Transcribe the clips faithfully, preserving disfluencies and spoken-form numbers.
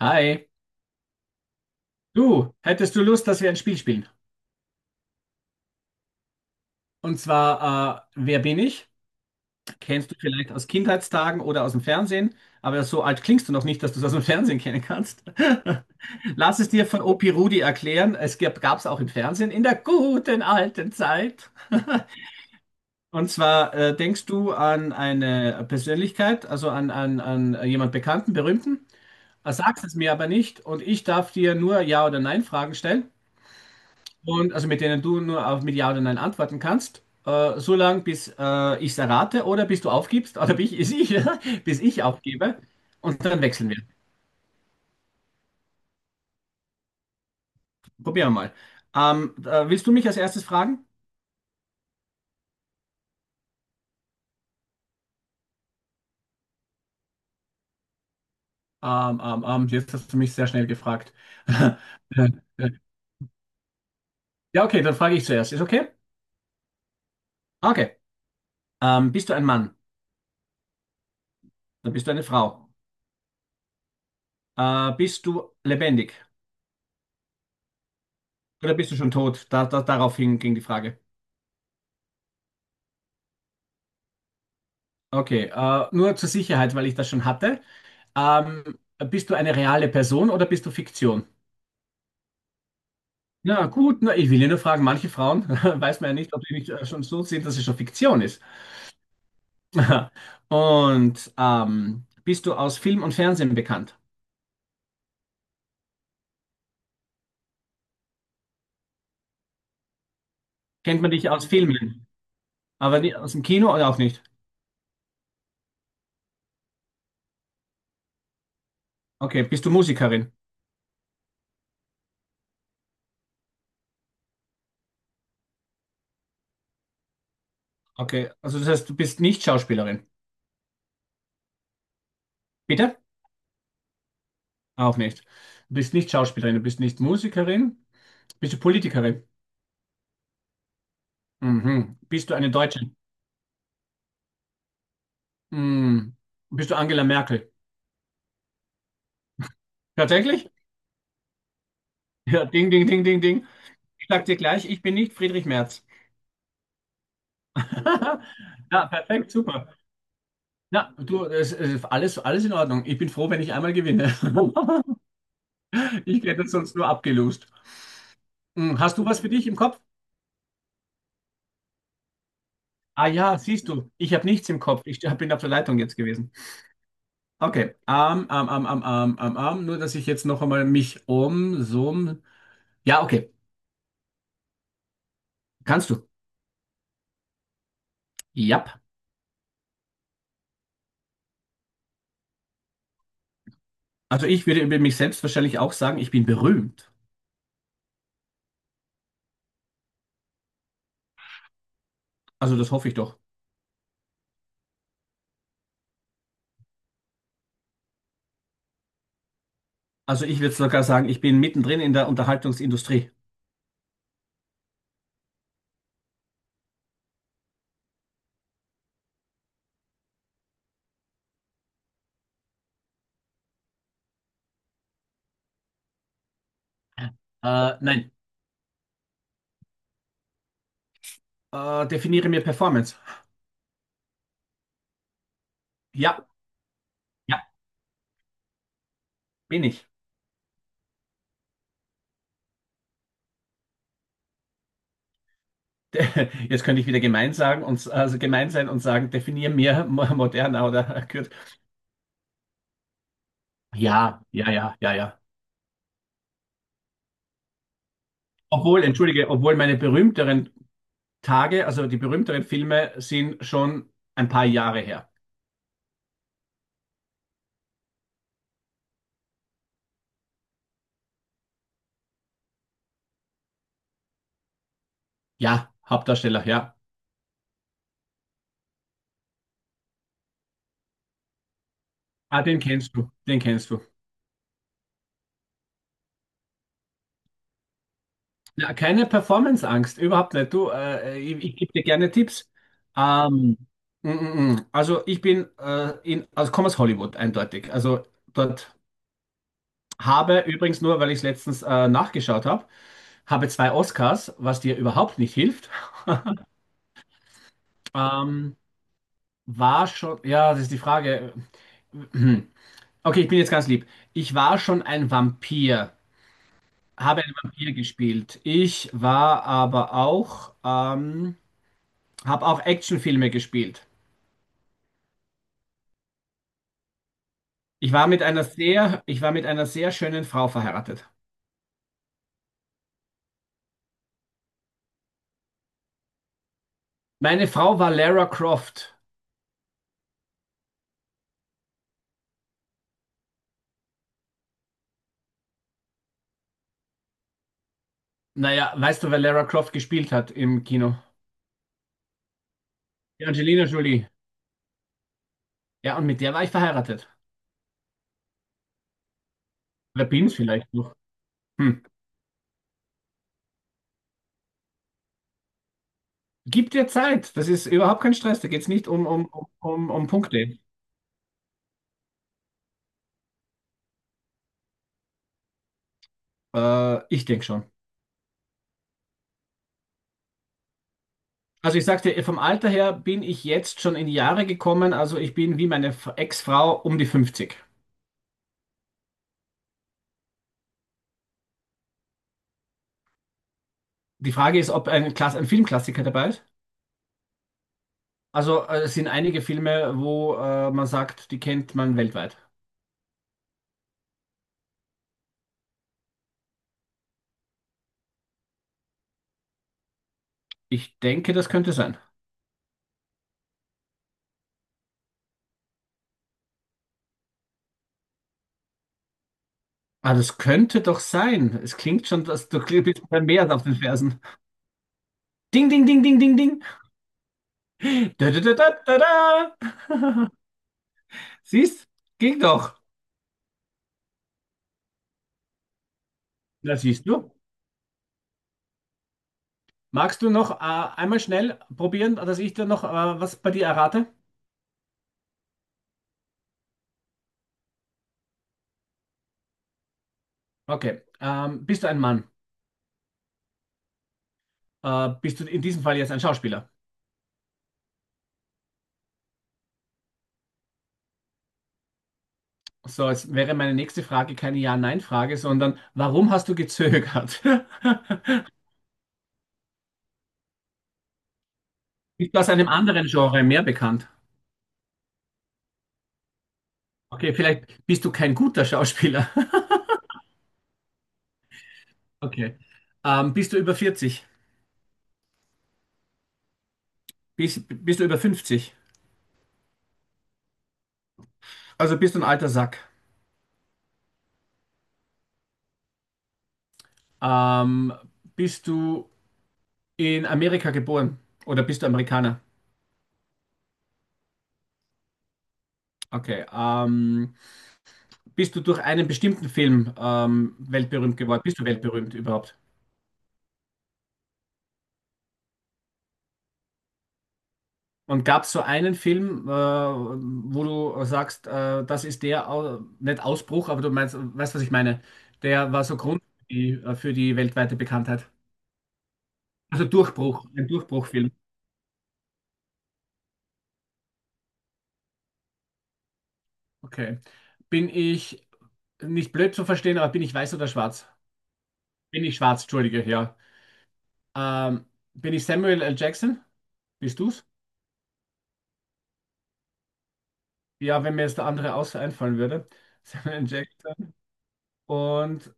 Hi, du, hättest du Lust, dass wir ein Spiel spielen? Und zwar, äh, wer bin ich? Kennst du vielleicht aus Kindheitstagen oder aus dem Fernsehen, aber so alt klingst du noch nicht, dass du es aus dem Fernsehen kennen kannst. Lass es dir von Opi Rudi erklären. Es gab es auch im Fernsehen in der guten alten Zeit. Und zwar, äh, denkst du an eine Persönlichkeit, also an, an, an jemand Bekannten, Berühmten, äh, sagst es mir aber nicht und ich darf dir nur Ja oder Nein Fragen stellen. Und also mit denen du nur auf mit Ja oder Nein antworten kannst, äh, so lange, bis äh, ich es errate oder bis du aufgibst, oder bis ich, ich bis ich aufgebe. Und dann wechseln wir. Probieren wir mal. Ähm, äh, willst du mich als erstes fragen? Ähm, ähm, ähm, jetzt hast du mich sehr schnell gefragt. Ja, okay, dann frage ich zuerst. Ist okay? Okay. Ähm, bist du ein Mann? Dann bist du eine Frau. Äh, bist du lebendig? Oder bist du schon tot? Da, da, daraufhin ging die Frage. Okay, äh, nur zur Sicherheit, weil ich das schon hatte. Ähm, bist du eine reale Person oder bist du Fiktion? Ja, gut, na, ich will ja nur fragen, manche Frauen weiß man ja nicht, ob sie nicht äh, schon so sind, dass es schon Fiktion ist. Und ähm, bist du aus Film und Fernsehen bekannt? Kennt man dich aus Filmen, aber nie- aus dem Kino oder auch nicht? Okay, bist du Musikerin? Okay, also das heißt, du bist nicht Schauspielerin. Bitte? Auch nicht. Du bist nicht Schauspielerin, du bist nicht Musikerin. Bist du Politikerin? Mhm. Bist du eine Deutsche? Mhm. Bist du Angela Merkel? Tatsächlich? Ja, ding, ding, ding, ding, ding. Ich sag dir gleich, ich bin nicht Friedrich Merz. Ja, perfekt, super. Na, du, es, es alles, alles in Ordnung. Ich bin froh, wenn ich einmal gewinne. Ich hätte es sonst nur abgelost. Hm, hast du was für dich im Kopf? Ah ja, siehst du, ich habe nichts im Kopf. Ich hab- bin auf der Leitung jetzt gewesen. Okay, ähm, ähm, ähm, ähm, ähm, ähm, ähm. Nur, dass ich jetzt noch einmal mich um, so, ja, okay, kannst du. Ja. Also ich würde über mich selbst wahrscheinlich auch sagen, ich bin berühmt. Also das hoffe ich doch. Also ich würde sogar sagen, ich bin mittendrin in der Unterhaltungsindustrie. Äh, nein, äh, definiere mir Performance. Ja, ja, bin ich. De- Jetzt könnte ich wieder gemein sagen und also gemein sein und sagen, definiere mir mo- moderner oder kürzer. Ja, ja, ja, ja, ja. Obwohl, entschuldige, obwohl meine berühmteren Tage, also die berühmteren Filme sind schon ein paar Jahre her. Ja, Hauptdarsteller, ja. Ah, den kennst du, den kennst du. Ja, keine Performance-Angst, überhaupt nicht. Du, äh, äh, ich, ich gebe dir gerne Tipps. Ähm, mm, mm, mm. Also ich bin äh, in, also komme aus Hollywood, eindeutig. Also dort habe übrigens nur, weil ich es letztens äh, nachgeschaut habe, habe zwei Oscars, was dir überhaupt nicht hilft. Ähm, War schon, ja, das ist die Frage. Okay, ich bin jetzt ganz lieb. Ich war schon ein Vampir, habe einen Vampir gespielt. Ich war aber auch, ähm, habe auch Actionfilme gespielt. Ich war mit einer sehr, ich war mit einer sehr schönen Frau verheiratet. Meine Frau war Lara Croft. Naja, weißt du, wer Lara Croft gespielt hat im Kino? Die Angelina Jolie. Ja, und mit der war ich verheiratet. Oder bin's vielleicht noch. Hm. Gib dir Zeit. Das ist überhaupt kein Stress. Da geht's nicht um, um, um, um um Punkte. Äh, ich denke schon. Also ich sag dir, vom Alter her bin ich jetzt schon in die Jahre gekommen. Also ich bin wie meine F- Ex-Frau um die fünfzig. Die Frage ist, ob ein, Klass ein Filmklassiker dabei ist. Also äh, es sind einige Filme, wo äh, man sagt, die kennt man weltweit. Ich denke, das könnte sein. Ah, das könnte doch sein. Es klingt schon, dass du kli- bist beim Meer auf den Fersen. Ding, ding, ding, ding, ding, ding. Da, da, da, da, da, da. Siehst? Ging doch. Na, siehst du. Magst du noch äh, einmal schnell probieren, dass ich dir noch äh, was bei dir errate? Okay. Ähm, bist du ein Mann? Äh, bist du in diesem Fall jetzt ein Schauspieler? So, jetzt wäre meine nächste Frage keine Ja-Nein-Frage, sondern warum hast du gezögert? Bist du aus einem anderen Genre mehr bekannt? Okay, vielleicht bist du kein guter Schauspieler. Okay. Ähm, bist du über vierzig? Bist, bist du über fünfzig? Also bist du ein alter Sack. Ähm, bist du in Amerika geboren? Oder bist du Amerikaner? Okay. Ähm, bist du durch einen bestimmten Film ähm, weltberühmt geworden? Bist du weltberühmt überhaupt? Und gab es so einen Film, äh, wo du sagst, äh, das ist der, Au- nicht Ausbruch, aber du meinst, weißt, was ich meine? Der war so Grund für die, äh, für die weltweite Bekanntheit. Also Durchbruch, ein Durchbruchfilm. Okay. Bin ich nicht blöd zu verstehen, aber bin ich weiß oder schwarz? Bin ich schwarz, entschuldige, ja. Ähm, bin ich Samuel L. Jackson? Bist du's? Ja, wenn mir jetzt der andere außer einfallen würde. Samuel L. Jackson. Und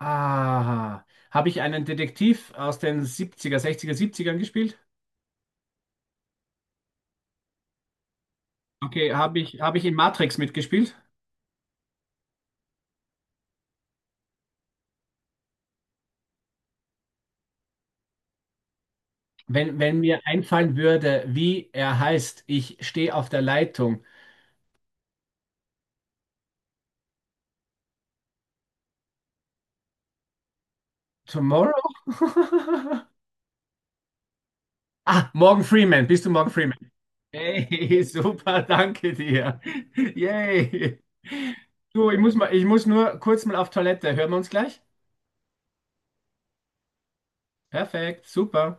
ah, habe ich einen Detektiv aus den siebziger, sechziger, 60 gespielt? Okay, habe ich, habe ich in Matrix mitgespielt? Wenn, wenn mir einfallen würde, wie er heißt, ich stehe auf der Leitung. Tomorrow? Ah, Morgan Freeman, bist du Morgan Freeman? Hey, super, danke dir. Yay. Du, ich muss mal, ich muss nur kurz mal auf Toilette. Hören wir uns gleich? Perfekt, super.